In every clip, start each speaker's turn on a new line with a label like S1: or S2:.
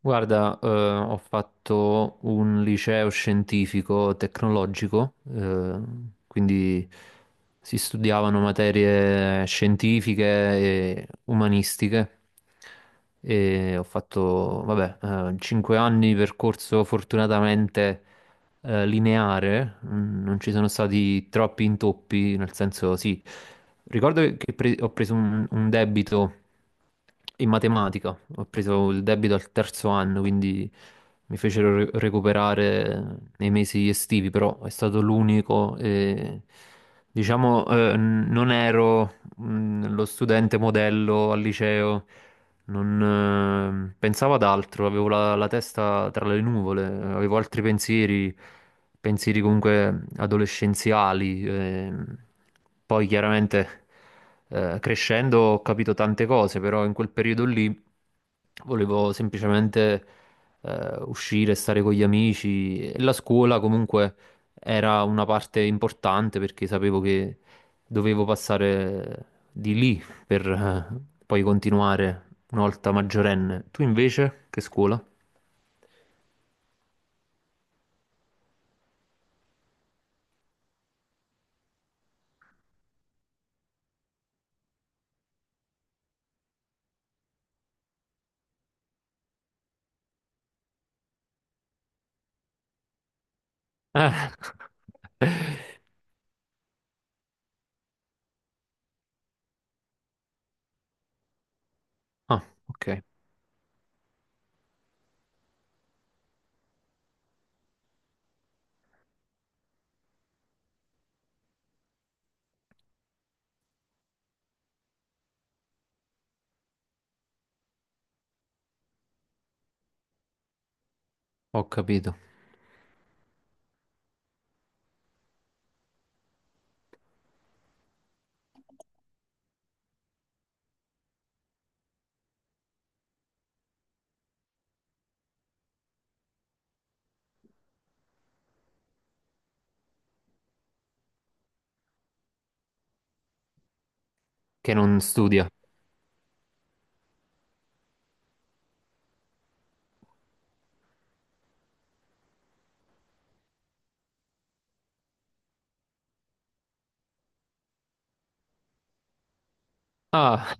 S1: Guarda, ho fatto un liceo scientifico tecnologico, quindi si studiavano materie scientifiche e umanistiche e ho fatto, vabbè, 5 anni di percorso fortunatamente lineare, non ci sono stati troppi intoppi, nel senso sì, ricordo che ho preso un debito in matematica. Ho preso il debito al terzo anno, quindi mi fecero recuperare nei mesi estivi, però è stato l'unico e diciamo non ero lo studente modello al liceo, non, pensavo ad altro, avevo la testa tra le nuvole, avevo altri pensieri, pensieri comunque adolescenziali. Poi chiaramente crescendo ho capito tante cose, però in quel periodo lì volevo semplicemente uscire, stare con gli amici e la scuola comunque era una parte importante perché sapevo che dovevo passare di lì per poi continuare una volta maggiorenne. Tu invece, che scuola? Eh. Ah, ok, ho capito. Che non studia. Ah,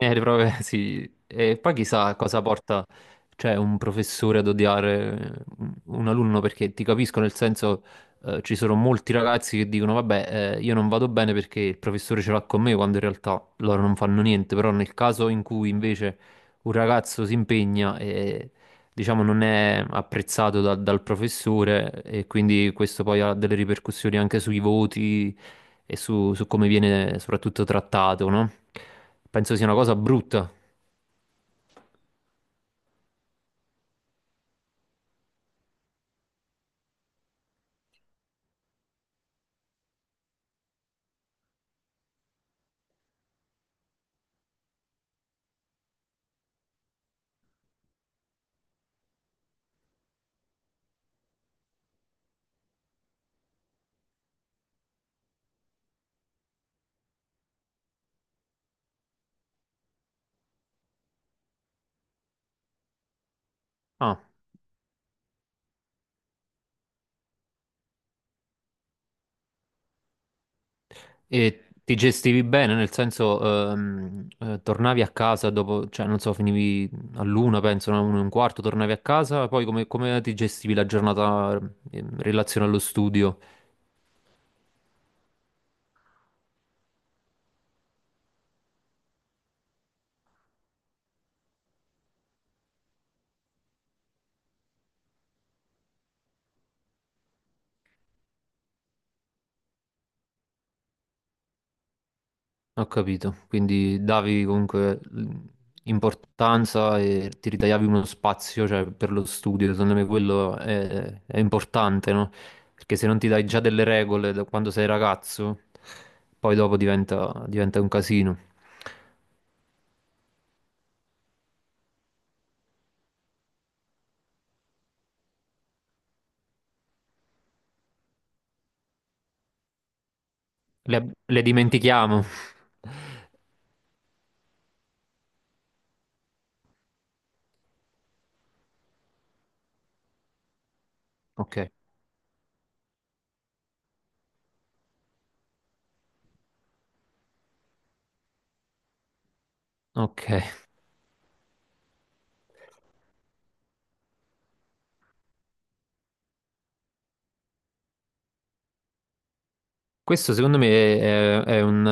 S1: eh, le prove, sì. E poi chissà cosa porta, cioè, un professore ad odiare un alunno, perché ti capisco, nel senso, ci sono molti ragazzi che dicono, vabbè, io non vado bene perché il professore ce l'ha con me, quando in realtà loro non fanno niente, però nel caso in cui invece un ragazzo si impegna e, diciamo, non è apprezzato dal professore e quindi questo poi ha delle ripercussioni anche sui voti e su, su come viene soprattutto trattato, no? Penso sia una cosa brutta. Ah, e ti gestivi bene, nel senso, tornavi a casa dopo, cioè non so, finivi all'una, penso, no? Uno e un quarto, tornavi a casa, poi come, come ti gestivi la giornata in relazione allo studio? Ho capito, quindi davi comunque importanza e ti ritagliavi uno spazio, cioè, per lo studio, secondo me quello è importante, no? Perché se non ti dai già delle regole da quando sei ragazzo, poi dopo diventa un casino. Le dimentichiamo. Ok, ok. Questo secondo me è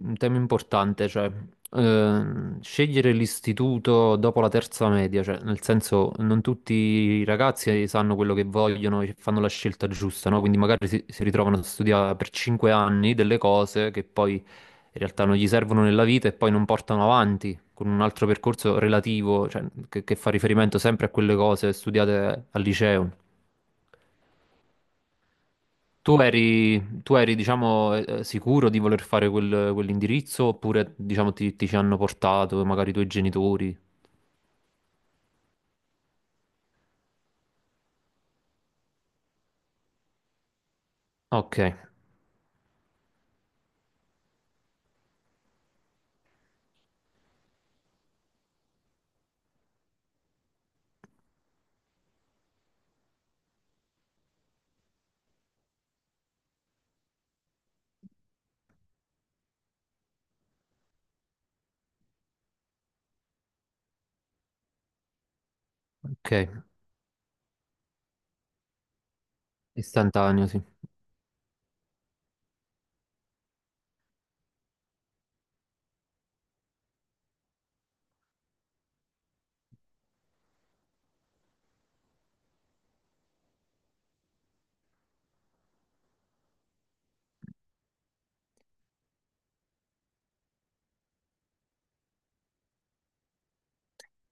S1: un tema importante, cioè scegliere l'istituto dopo la terza media, cioè nel senso non tutti i ragazzi sanno quello che vogliono e fanno la scelta giusta, no? Quindi magari si, si ritrovano a studiare per cinque anni delle cose che poi in realtà non gli servono nella vita e poi non portano avanti con un altro percorso relativo, cioè, che fa riferimento sempre a quelle cose studiate al liceo. Tu eri, diciamo, sicuro di voler fare quell'indirizzo oppure, diciamo, ti ci hanno portato magari i tuoi genitori? Ok, ok, istantaneo, sì.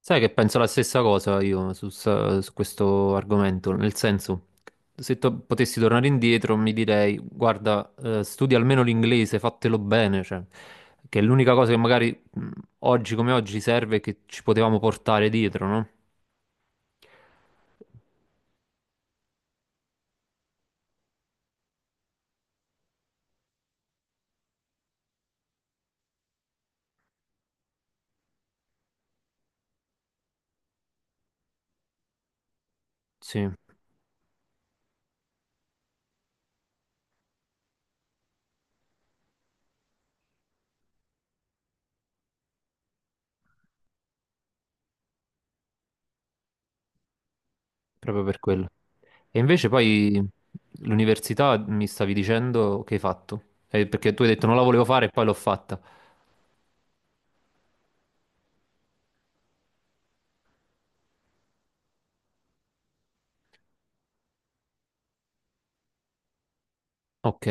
S1: Sai che penso la stessa cosa io su questo argomento, nel senso, se potessi tornare indietro mi direi, guarda, studia almeno l'inglese, fatelo bene, cioè, che è l'unica cosa che magari oggi come oggi serve e che ci potevamo portare dietro, no? Sì. Proprio per quello. E invece poi l'università mi stavi dicendo che hai fatto, eh, perché tu hai detto non la volevo fare e poi l'ho fatta. Ok,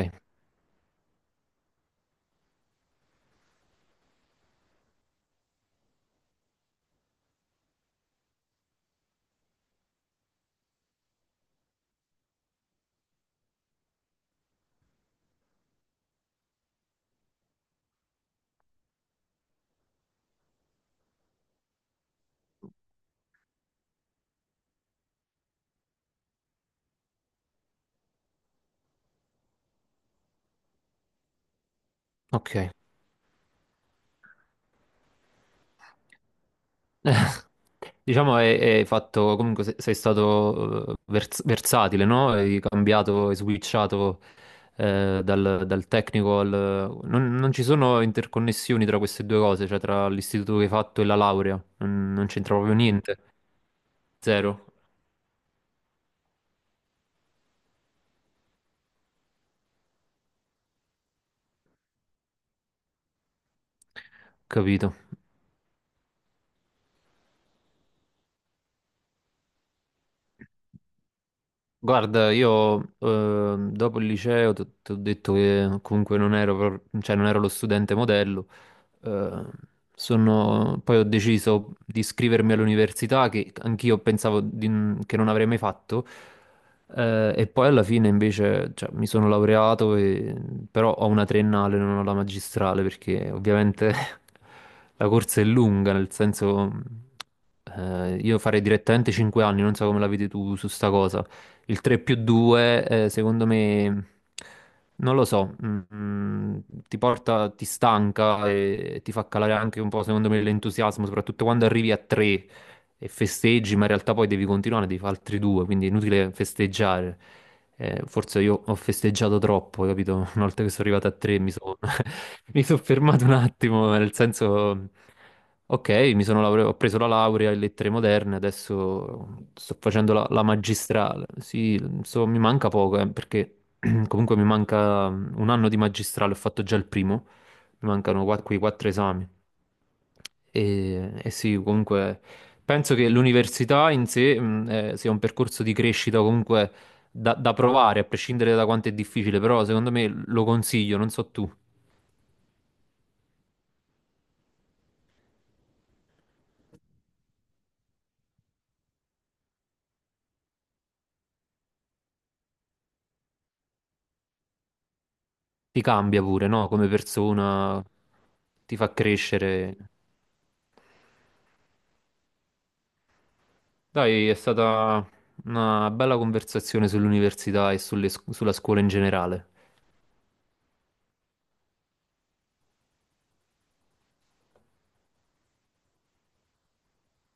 S1: ok. Diciamo hai, hai fatto, comunque sei stato versatile, no? Hai cambiato, hai switchato dal tecnico al... Non, non ci sono interconnessioni tra queste due cose, cioè tra l'istituto che hai fatto e la laurea, non, non c'entra proprio niente. Zero, capito. Guarda, io dopo il liceo ti ho detto che comunque non ero, cioè non ero lo studente modello, eh, poi ho deciso di iscrivermi all'università che anch'io pensavo che non avrei mai fatto e poi alla fine invece cioè, mi sono però ho una triennale, non ho la magistrale perché ovviamente la corsa è lunga, nel senso io farei direttamente 5 anni, non so come la vedi tu su sta cosa. Il 3 più 2, secondo me, non lo so, ti porta, ti stanca e ti fa calare anche un po', secondo me, l'entusiasmo, soprattutto quando arrivi a 3 e festeggi, ma in realtà poi devi continuare, devi fare altri due, quindi è inutile festeggiare. Forse io ho festeggiato troppo, capito? Una volta che sono arrivato a 3 mi sono mi sono fermato un attimo, nel senso... Ok, mi sono ho preso la laurea in lettere moderne, adesso sto facendo la magistrale. Sì, mi manca poco, perché comunque mi manca un anno di magistrale, ho fatto già il primo, mi mancano quei quattro esami. E sì, comunque penso che l'università in sé, sia un percorso di crescita comunque da, da provare, a prescindere da quanto è difficile, però secondo me lo consiglio, non so tu. Ti cambia pure, no? Come persona, ti fa crescere. Dai, è stata una bella conversazione sull'università e sulle sulla scuola in generale.